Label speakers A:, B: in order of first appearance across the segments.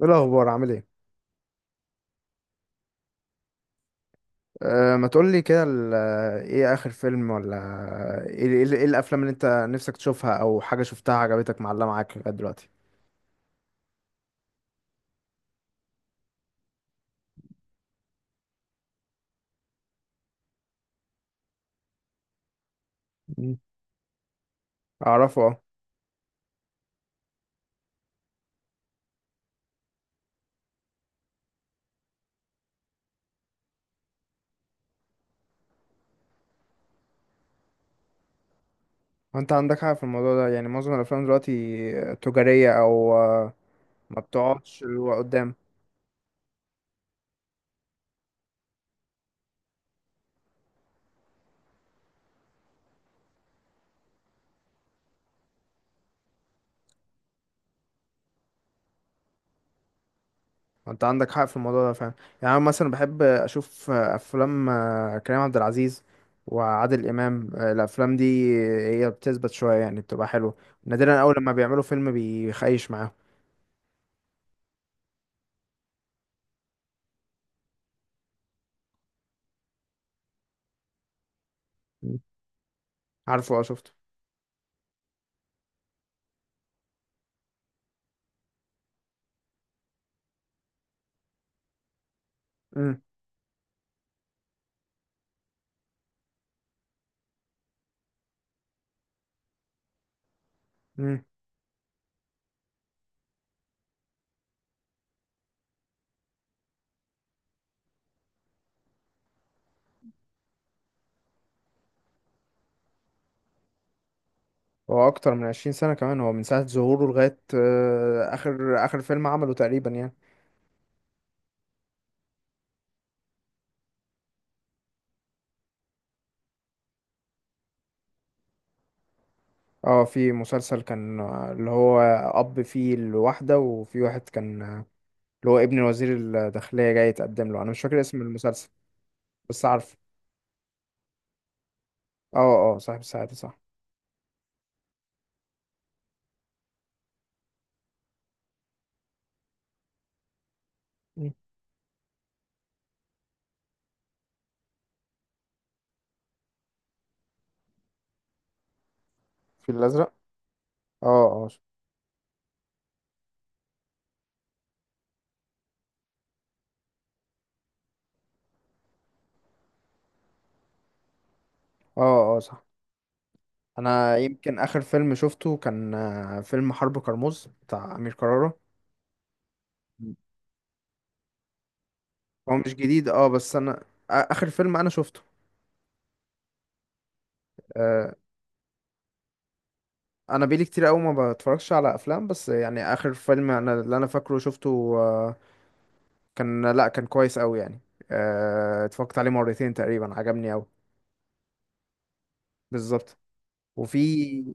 A: ايه الاخبار؟ عامل ايه؟ ما تقول لي كده ايه اخر فيلم؟ ولا ايه، إيه الافلام اللي انت نفسك تشوفها او حاجه شفتها عجبتك معلقه معاك لغايه دلوقتي؟ مم. اعرفه اه. انت عندك حاجه في الموضوع ده؟ يعني معظم الافلام دلوقتي تجاريه او ما بتقعدش اللي قدام. انت عندك حق في الموضوع ده فعلا. يعني انا مثلا بحب اشوف افلام كريم عبد العزيز وعادل امام الافلام دي هي بتثبت شويه، يعني بتبقى حلوه. نادرا اول لما بيعملوا فيلم بيخيش معاهم. عارفه اه شفته. امم امم. هو اكتر من 20 سنة كمان، هو من ساعة ظهوره لغاية اخر اخر فيلم عمله تقريبا يعني. اه في مسلسل كان اللي هو اب فيه الواحدة وفي واحد كان اللي هو ابن وزير الداخلية جاي يتقدم له، انا مش فاكر اسم المسلسل بس عارف. اه. اه صاحب الساعة صح. مم. في الازرق. اه اه اه اه. صح. انا يمكن اخر فيلم شفته كان فيلم حرب كرموز بتاع امير كرارة. هو مش جديد اه، بس انا اخر فيلم انا شفته آه، انا بقالي كتير قوي ما بتفرجش على افلام، بس يعني اخر فيلم انا اللي انا فاكره شفته كان، لا كان كويس قوي يعني. اتفرجت عليه مرتين تقريبا، عجبني قوي. بالظبط. وفي،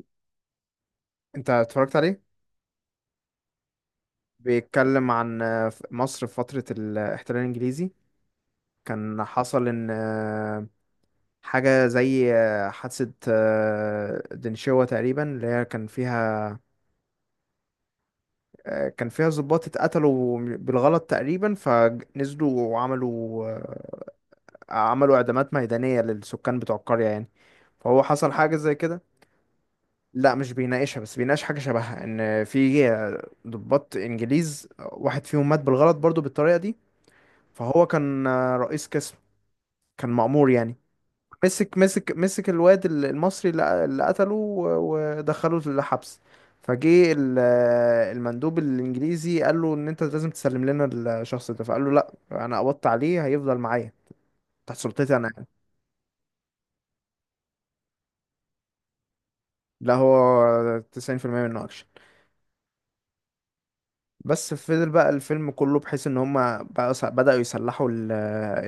A: انت اتفرجت عليه؟ بيتكلم عن مصر في فترة الاحتلال الانجليزي. كان حصل ان حاجة زي حادثة دنشوة تقريبا، اللي هي كان فيها كان فيها ضباط اتقتلوا بالغلط تقريبا، فنزلوا وعملوا عملوا اعدامات ميدانية للسكان بتوع القرية يعني. فهو حصل حاجة زي كده. لا مش بيناقشها، بس بيناقش حاجة شبهها، ان في ضباط انجليز واحد فيهم مات بالغلط برضو بالطريقة دي. فهو كان رئيس قسم، كان مأمور يعني. مسك الواد المصري اللي قتله ودخله الحبس. فجه ال- المندوب الانجليزي قال له ان انت لازم تسلم لنا الشخص ده، فقال له لا انا قبضت عليه، هيفضل معايا تحت سلطتي انا يعني. لا هو 90% منه اكشن. بس فضل بقى الفيلم كله، بحيث ان هما بقى بدأوا يصلحوا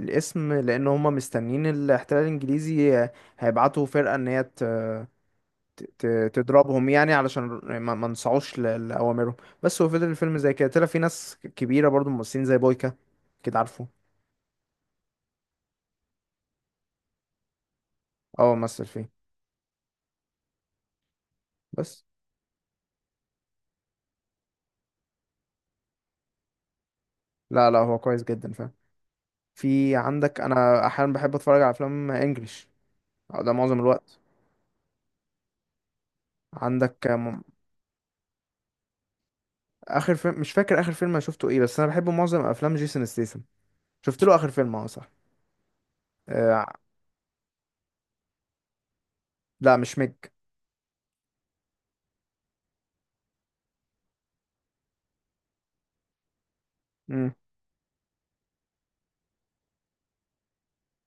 A: الاسم، لان هما مستنيين الاحتلال الانجليزي هيبعتوا فرقة ان هي ت- تضربهم يعني، علشان ما نسعوش لأوامرهم. بس هو فضل الفيلم زي كده، طلع في ناس كبيرة برضو ممثلين زي بويكا، كده عارفه. اه مثل فيه. بس لا لا، هو كويس جدا فاهم. في عندك، انا احيانا بحب اتفرج على افلام انجليش ده معظم الوقت. عندك اخر فيلم، مش فاكر اخر فيلم انا شفته ايه، بس انا بحب معظم افلام جيسون ستيسن. شفت له اخر فيلم اه صح. آه. لا مش ميج. امم.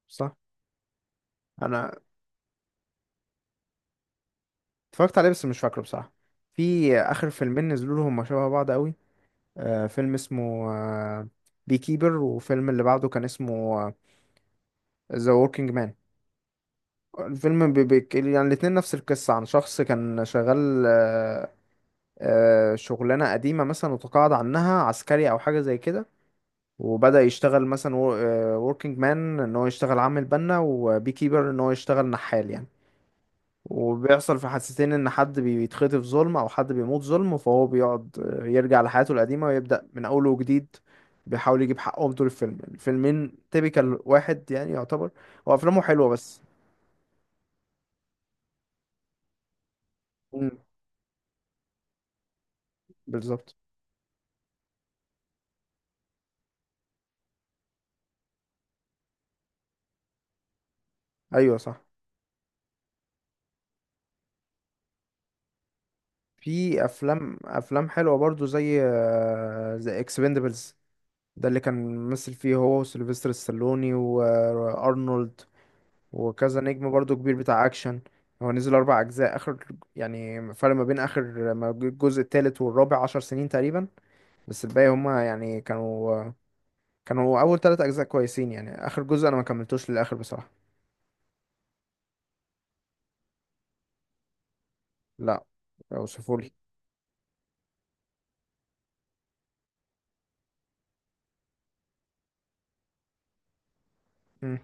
A: صح. انا اتفرجت عليه بس مش فاكره بصراحه. في اخر فيلمين نزلوا له هما شبه بعض قوي. آه فيلم اسمه آه بي كيبر، وفيلم اللي بعده كان اسمه ذا ووركينج مان. الفيلم بي بي يعني الاتنين نفس القصة، عن شخص كان شغال آه شغلانة قديمة مثلا، وتقاعد عنها عسكري أو حاجة زي كده، وبدأ يشتغل مثلا وركينج مان ان هو يشتغل عامل بنا، وبي كيبر ان هو يشتغل نحال يعني. وبيحصل في حادثتين ان حد بيتخطف ظلم او حد بيموت ظلم، فهو بيقعد يرجع لحياته القديمة ويبدأ من اول وجديد. بيحاول يجيب حقهم طول الفيلم. الفيلمين تيبيكال واحد يعني يعتبر. هو افلامه حلوة بس. مم. بالظبط. ايوه صح. في افلام افلام حلوة برضو زي زي اكسبندبلز. ده اللي كان ممثل فيه هو وسيلفستر ستالوني وارنولد وكذا نجم برضو كبير بتاع اكشن. هو نزل 4 اجزاء اخر يعني. فرق ما بين اخر ما الجزء التالت والرابع 10 سنين تقريبا. بس الباقي هما يعني كانوا، كانوا اول 3 اجزاء كويسين يعني، اخر جزء انا ما كملتوش للاخر بصراحة. لا اوصفولي. مم.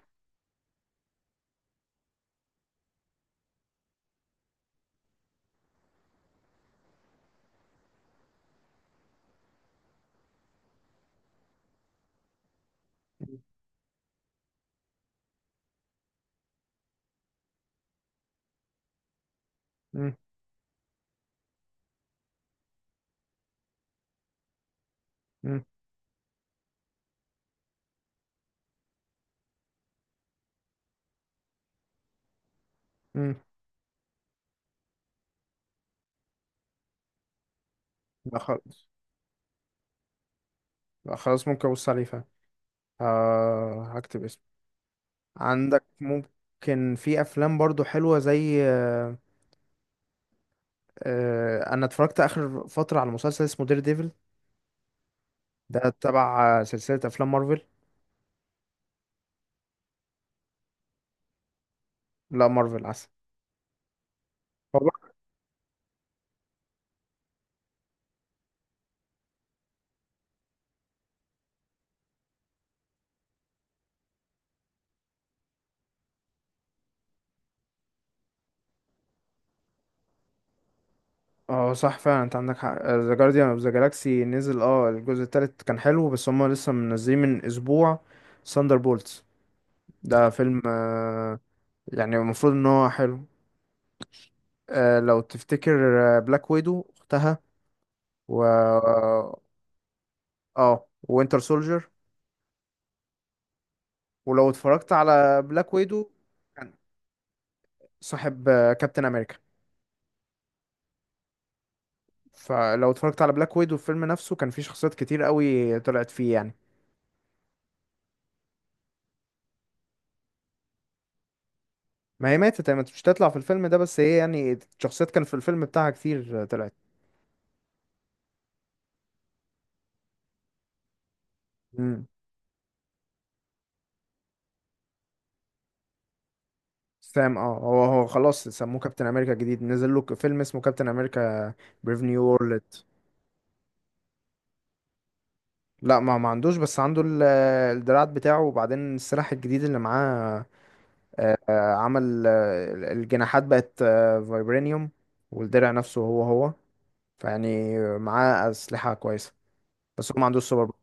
A: مم. مم. مم. لا خلاص، لا خلاص ممكن ابص عليه فعلا. آه هكتب اسمه. عندك ممكن في افلام برضو حلوه زي آه. آه انا اتفرجت اخر فتره على مسلسل اسمه دير ديفل. ده تبع سلسلة أفلام مارفل. لا مارفل عسل. هو بقى- اه صح فعلا، انت عندك حق. ذا جارديان اوف ذا جالاكسي نزل اه الجزء التالت كان حلو، بس هما لسه منزلين من اسبوع ثاندر بولتس. ده فيلم يعني المفروض ان هو حلو. لو تفتكر بلاك ويدو اختها و اه وينتر سولجر. ولو اتفرجت على بلاك ويدو، كان صاحب كابتن امريكا. فلو اتفرجت على بلاك ويدو الفيلم نفسه، كان فيه شخصيات كتير قوي طلعت فيه يعني. ما هي ماتت، مش تطلع في الفيلم ده، بس هي يعني شخصيات كان في الفيلم بتاعها كتير طلعت. امم. سام اه، هو خلاص سموه كابتن امريكا جديد، نزل له فيلم اسمه كابتن امريكا بريف نيو وورلد. لا ما عندوش، بس عنده الدراعات بتاعه، وبعدين السلاح الجديد اللي معاه. عمل الجناحات بقت فايبرينيوم، والدرع نفسه هو. فيعني معاه أسلحة كويسة، بس هو ما عندوش سوبر باور.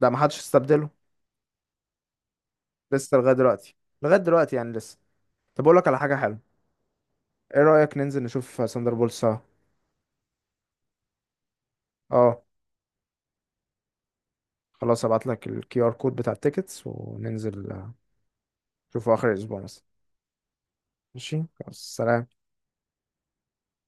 A: ده ما حدش استبدله، لسه لغاية دلوقتي. لغاية دلوقتي يعني لسه. طب أقول لك على حاجة حلوة، ايه رأيك ننزل نشوف ساندر بول سوا؟ اه خلاص، هبعت لك الكي ار كود بتاع التيكتس وننزل نشوفه اخر الاسبوع مثلا. ماشي خلاص. سلام.